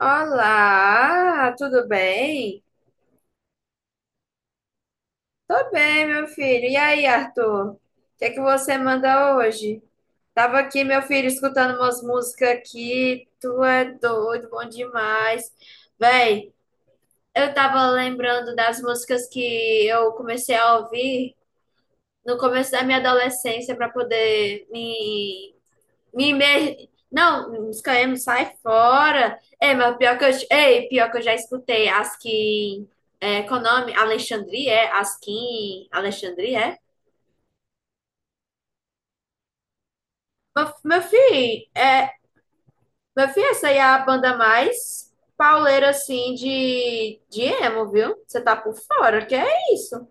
Olá, tudo bem? Tô bem, meu filho. E aí, Arthur? O que é que você manda hoje? Tava aqui, meu filho, escutando umas músicas aqui. Tu é doido, bom demais. Véi, eu tava lembrando das músicas que eu comecei a ouvir no começo da minha adolescência para poder me Não, os KM sai fora. É, mas pior que eu, ei, pior que eu já escutei. Askin. É, qual o nome? Alexandria, é? Askin. Alexandria, é? Meu, meu filho, é, meu filho, essa aí é a banda mais pauleira assim de emo, viu? Você tá por fora, que é isso?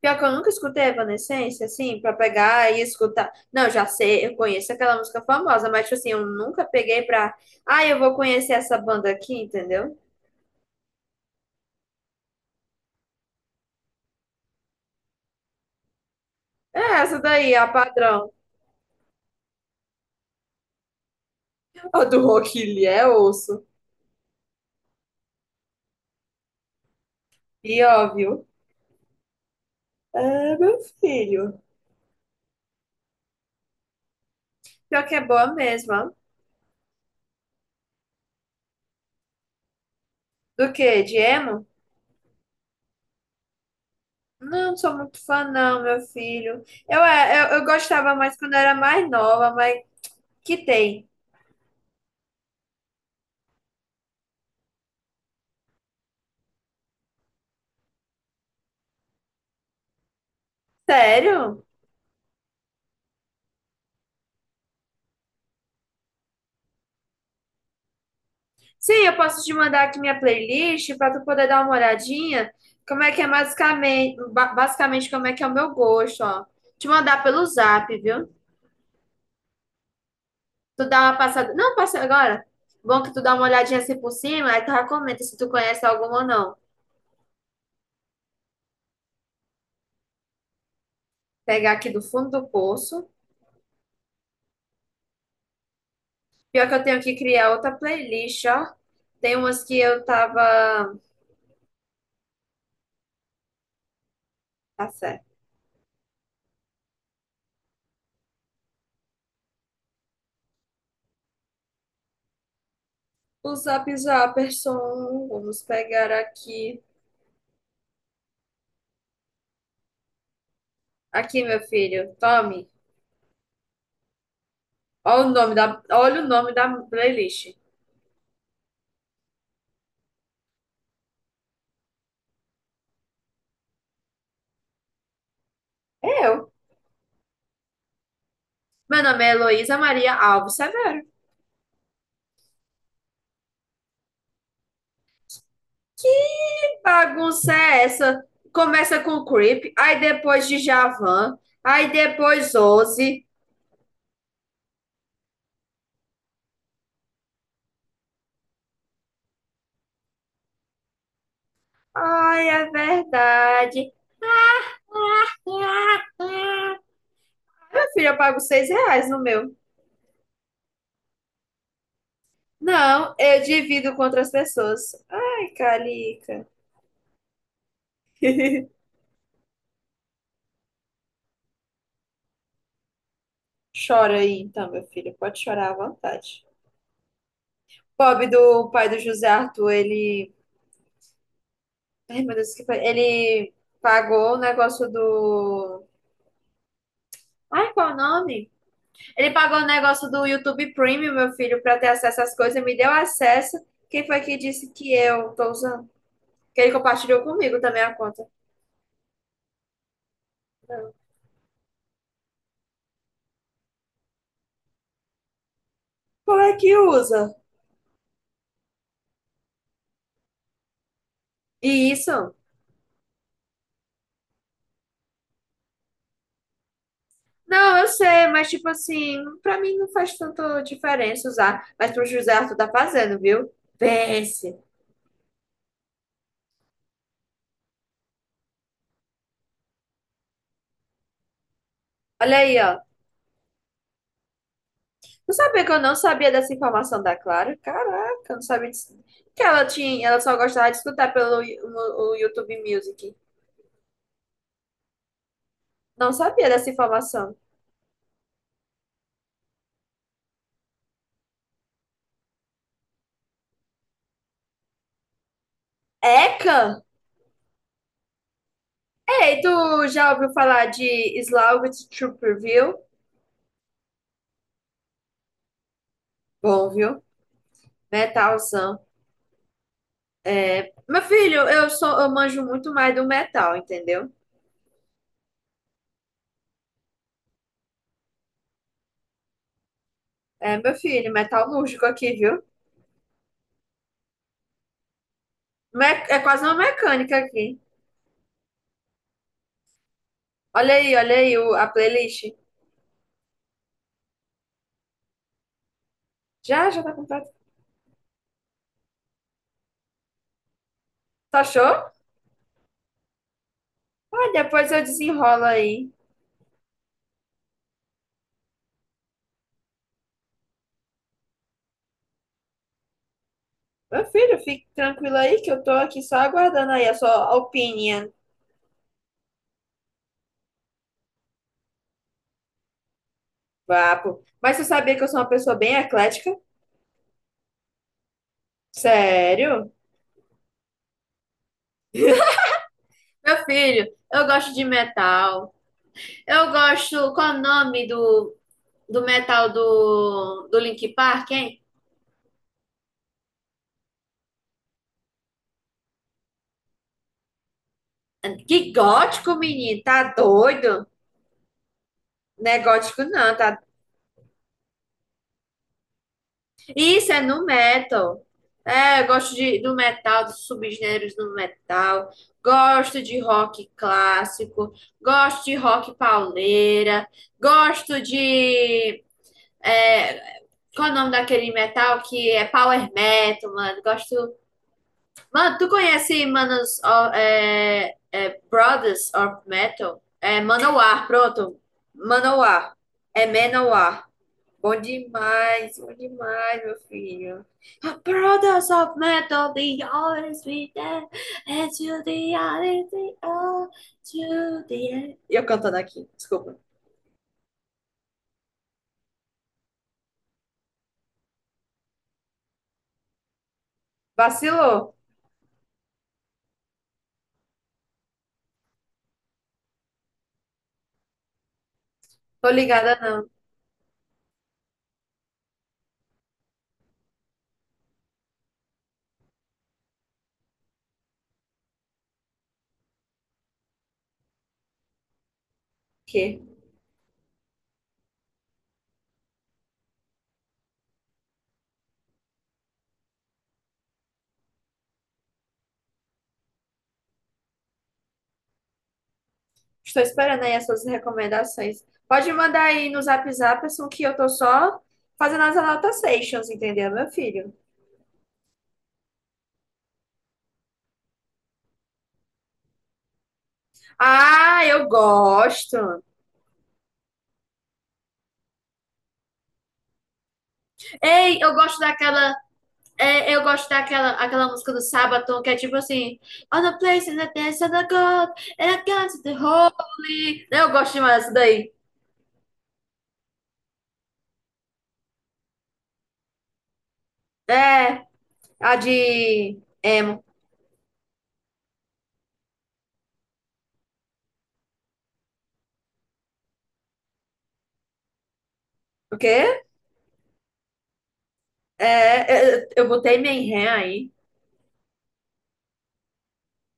Pior que eu nunca escutei Evanescence, assim, pra pegar e escutar. Não, já sei, eu conheço aquela música famosa, mas, tipo assim, eu nunca peguei pra. Ah, eu vou conhecer essa banda aqui, entendeu? É essa daí, a padrão. A do Rock Lee é osso. E óbvio. É, meu filho. Pior que é boa mesmo, ó. Do quê? De emo? Não, sou muito fã, não, meu filho. Eu gostava mais quando era mais nova, mas que tem. Sério? Sim, eu posso te mandar aqui minha playlist pra tu poder dar uma olhadinha. Como é que é basicamente, basicamente como é que é o meu gosto, ó. Te mandar pelo zap, viu? Tu dá uma passada. Não, passa agora. Bom que tu dá uma olhadinha assim por cima, aí tu já comenta se tu conhece alguma ou não. Pegar aqui do fundo do poço. Pior que eu tenho que criar outra playlist, ó. Tem umas que eu tava. Tá certo. O Zap Zapperson. Vamos pegar aqui. Aqui, meu filho. Tome. Olha o nome da playlist. É eu. Meu nome é Heloísa Maria Alves Severo. Que bagunça é essa? Começa com Creep, aí depois de Javan, aí depois Ozzy. Ai, é verdade. Minha filha, eu pago R$ 6 no meu. Não, eu divido com outras pessoas. Ai, Calica. Chora aí então, meu filho. Pode chorar à vontade. Pobre do pai do José Arthur, ele. Ai, meu Deus, que foi? Ele pagou o negócio do. Ai, qual o nome? Ele pagou o negócio do YouTube Premium, meu filho, para ter acesso às coisas, me deu acesso. Quem foi que disse que eu tô usando? Que ele compartilhou comigo também a conta. Não. Como é que usa? E isso? Não, eu sei, mas tipo assim, pra mim não faz tanta diferença usar, mas pro José Arthur tá fazendo, viu? Pense. Olha aí, ó. Não sabia que eu não sabia dessa informação da Clara? Caraca, eu não sabia disso. Que ela tinha, ela só gostava de escutar pelo o YouTube Music. Não sabia dessa informação. Eca? Ei, tu já ouviu falar de Slaughter Trooper, viu? Bom, viu? Metalzão. É, meu filho, eu manjo muito mais do metal, entendeu? É, meu filho, metalúrgico aqui, viu? É quase uma mecânica aqui. A playlist. Já, já tá completa. Tu achou? Ah, depois eu desenrolo aí. Meu filho, fique tranquilo aí que eu tô aqui só aguardando aí a sua opinion. Papo. Mas você sabia que eu sou uma pessoa bem eclética? Sério? Meu filho, eu gosto de metal. Eu gosto. Qual é o nome do, do metal do Linkin Park, hein? Que gótico, menino. Tá doido? Não é gótico, não. Tá... Isso é no metal. É, eu gosto de, do metal, dos subgêneros do metal. Gosto de rock clássico. Gosto de rock pauleira. Gosto de. É, qual é o nome daquele metal que é power metal, mano? Gosto. Mano, tu conhece Manos, ó, é, é, Brothers of Metal? É Manowar, pronto. Manowar. É Manowar. Bom demais, meu filho. Brothers of Metal, they always be there. And to the end, they are to the end. Eu cantando aqui, desculpa. Vacilou. Tô ligada não. O quê? Estou esperando aí as suas recomendações. Pode mandar aí no Zap Zap, assim, que eu tô só fazendo as anotações, entendeu, meu filho? Ah, eu gosto. Ei, eu gosto daquela. É, eu gosto daquela aquela música do Sabaton que é tipo assim: On the place in the dance of the God, and I got to the holy. Eu gosto demais dessa daí. É, a de emo. O quê? É, eu botei minha ré aí.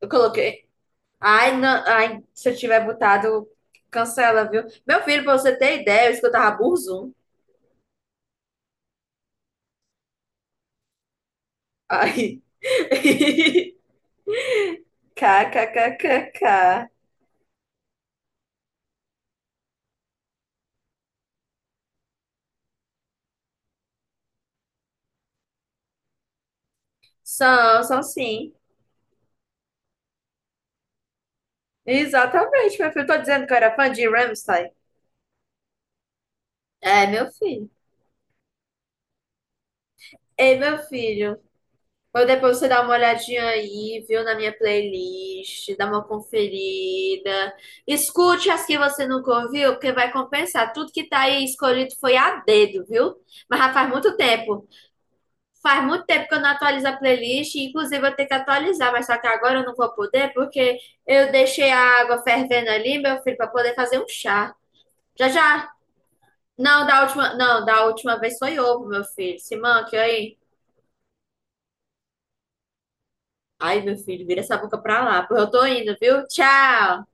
Eu coloquei. Ai, não, ai, se eu tiver botado, cancela, viu? Meu filho, pra você ter ideia, eu escutava Burzum. Ai. KKKKK. São, são sim. Exatamente, meu filho. Tô dizendo que eu era fã de Rammstein. É, meu filho. Ei, meu filho. Ou depois você dá uma olhadinha aí, viu, na minha playlist, dá uma conferida. Escute as que você nunca ouviu, porque vai compensar. Tudo que tá aí escolhido foi a dedo, viu? Mas já faz muito tempo. Faz muito tempo que eu não atualizo a playlist, inclusive eu tenho que atualizar, mas só que agora eu não vou poder porque eu deixei a água fervendo ali, meu filho, para poder fazer um chá. Já já. Não, da última, não, Da última vez foi ovo, meu filho. Se manque aí. Ai, meu filho, vira essa boca pra lá, porque eu tô indo, viu? Tchau.